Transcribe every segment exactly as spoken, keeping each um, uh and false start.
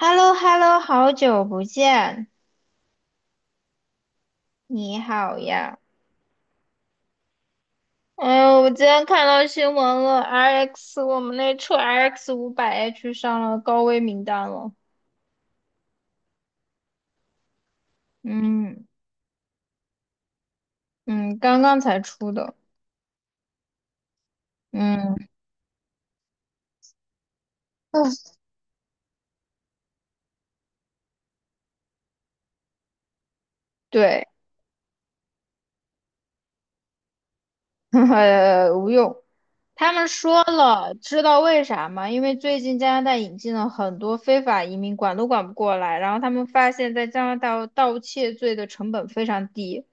h e l l o h e l l o 好久不见，你好呀！哎呦，我今天看到新闻了，R X 我们那车 R X 五百 H 上了高危名单了。嗯嗯，刚刚才出的。嗯，对，呃无用。他们说了，知道为啥吗？因为最近加拿大引进了很多非法移民，管都管不过来。然后他们发现，在加拿大盗窃罪的成本非常低，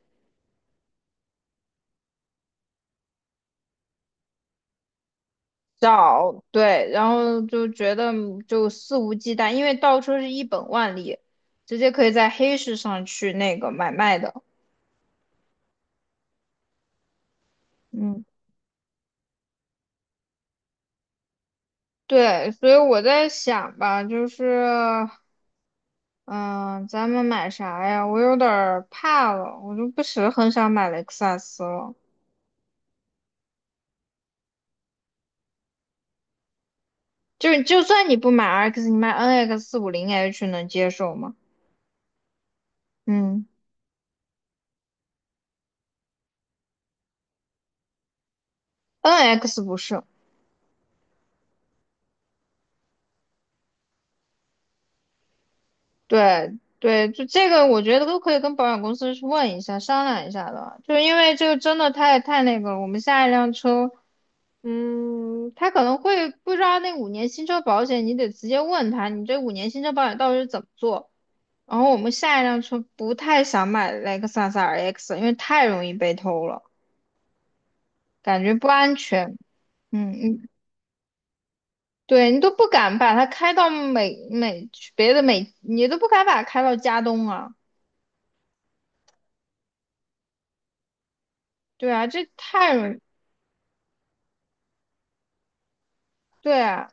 找，对，然后就觉得就肆无忌惮，因为倒车是一本万利，直接可以在黑市上去那个买卖的。嗯，对，所以我在想吧，就是，嗯、咱们买啥呀？我有点儿怕了，我就不是很想买雷克萨斯了。就是就算你不买 R X，你买 N X 四五零 H 能接受吗？嗯，N X 不是。对对，就这个，我觉得都可以跟保险公司去问一下、商量一下的。就是因为这个真的太太那个了，我们下一辆车，嗯，他可能会不知道那五年新车保险，你得直接问他，你这五年新车保险到底是怎么做。然后我们下一辆车不太想买雷克萨斯 R X，因为太容易被偷了，感觉不安全。嗯嗯，对你都不敢把它开到美美别的美，你都不敢把它开到加东啊。对啊，这太容易对啊，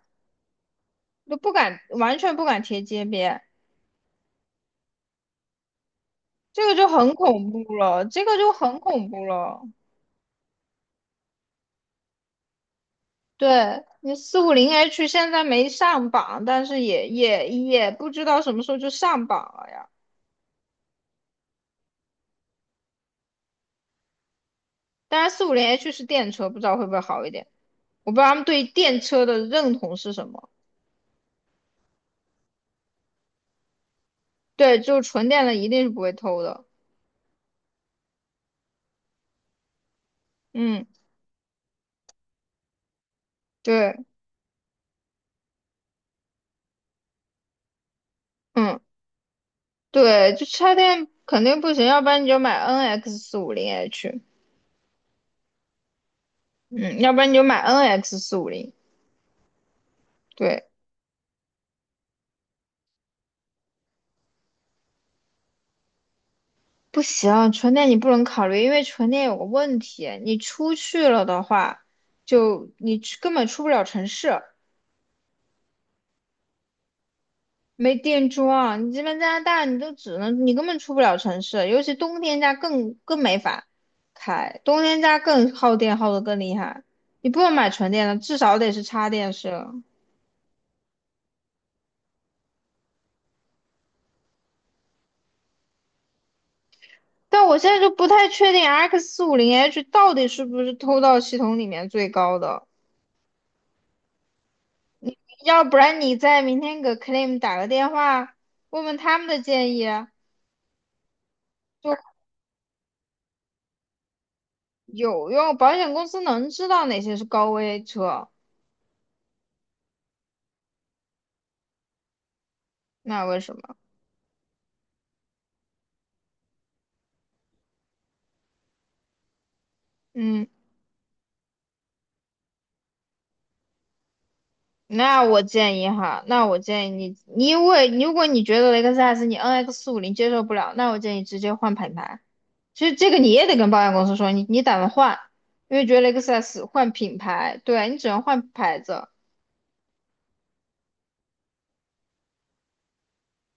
都不敢，完全不敢贴街边，这个就很恐怖了，这个就很恐怖了。对，你四五零 H 现在没上榜，但是也也也不知道什么时候就上榜了呀。当然，四五零 H 是电车，不知道会不会好一点。我不知道他们对于电车的认同是什么。对，就纯电的一定是不会偷的。嗯，对，嗯，对，就插电肯定不行，要不然你就买 N X 四五零 H，嗯，要不然你就买 N X 四五零。对，不行，纯电你不能考虑，因为纯电有个问题，你出去了的话，就你出根本出不了城市，没电桩。你这边加拿大，你都只能你根本出不了城市，尤其冬天家更更没法开，冬天家更耗电耗的更厉害。你不能买纯电的，至少得是插电式的。但我现在就不太确定 X 四五零 H 到底是不是偷到系统里面最高的。要不然你再明天给 claim 打个电话，问问他们的建议，就有用。保险公司能知道哪些是高危车，那为什么？嗯，那我建议哈，那我建议你，你因为如果你觉得雷克萨斯你 N X 五零接受不了，那我建议直接换品牌。其实这个你也得跟保险公司说，你你打算换，因为觉得雷克萨斯换品牌，对啊你只能换牌子。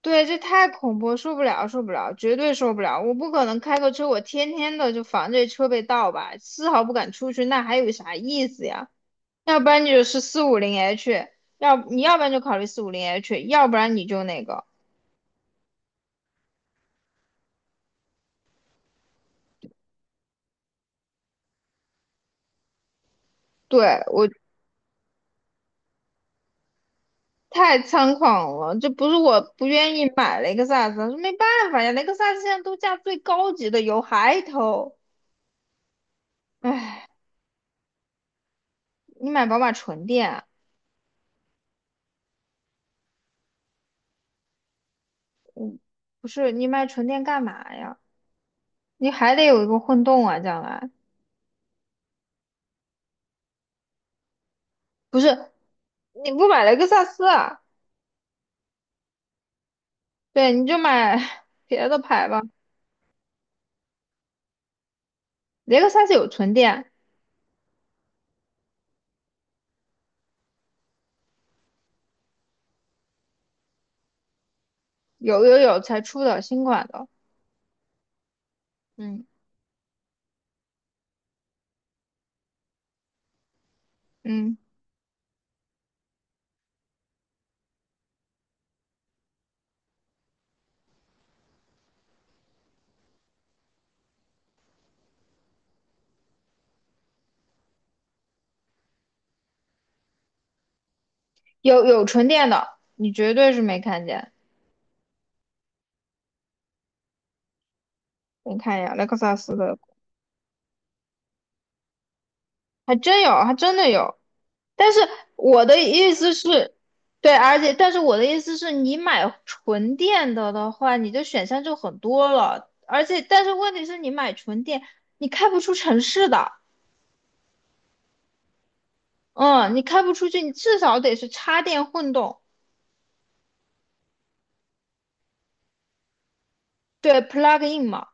对，这太恐怖，受不了，受不了，绝对受不了！我不可能开个车，我天天的就防这车被盗吧，丝毫不敢出去，那还有啥意思呀？要不然你就是四五零 H，要你要不然就考虑四五零 H，要不然你就那个，对，我太猖狂了，这不是我不愿意买雷克萨斯，是没办法呀，雷克萨斯现在都价最高级的油，还偷，唉，你买宝马纯电啊，不是你买纯电干嘛呀？你还得有一个混动啊，将来。不是，你不买雷克萨斯啊？对，你就买 别的牌吧。雷克萨斯有纯电，有有有才出的新款的，嗯嗯，有有纯电的，你绝对是没看见。你看一下雷克萨斯的，还真有，还真的有。但是我的意思是，对，而且但是我的意思是你买纯电的的话，你的选项就很多了，而且但是问题是你买纯电，你开不出城市的。嗯，你开不出去，你至少得是插电混动，对，plug in 嘛，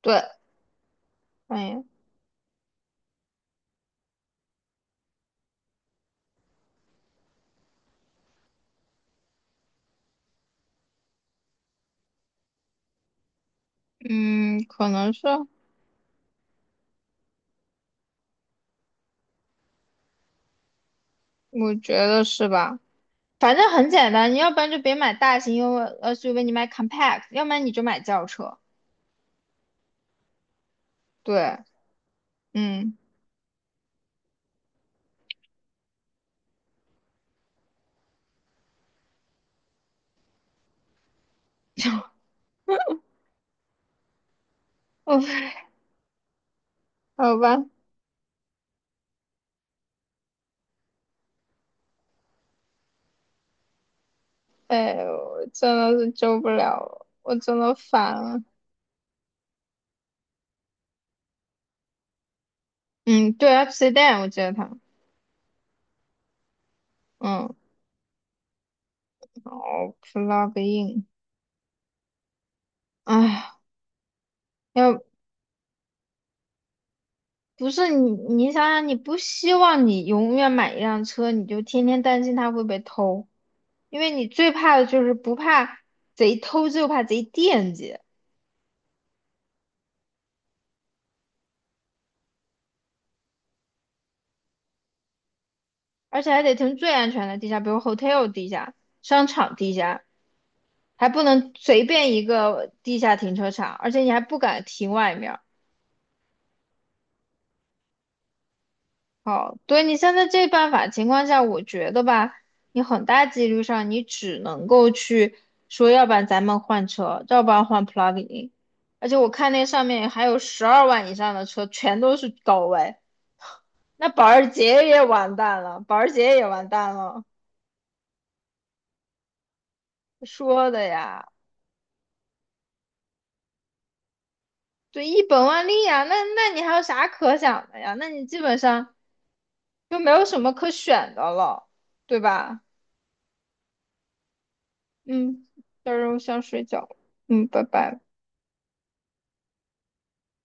对，哎，嗯，可能是，我觉得是吧，反正很简单，你要不然就别买大型 U S U V，你买 compact，要不然你就买轿车，对，嗯，哦，好吧，哎，我真的是救不了了，我真的烦了，嗯，对，F s e d a 我记得它，嗯，哦，plug in，哎，要不是你，你想想，你不希望你永远买一辆车，你就天天担心它会被偷，因为你最怕的就是不怕贼偷，就怕贼惦记，而且还得停最安全的地下，比如 hotel 地下、商场地下，还不能随便一个地下停车场，而且你还不敢停外面。好，对你现在这办法情况下，我觉得吧，你很大几率上你只能够去说，要不然咱们换车，要不然换 plug-in。而且我看那上面还有十二万以上的车，全都是高位，那保时捷也完蛋了，保时捷也完蛋了。说的呀，对，一本万利呀，那那你还有啥可想的呀？那你基本上就没有什么可选的了，对吧？嗯，到时候想睡觉，嗯，拜拜。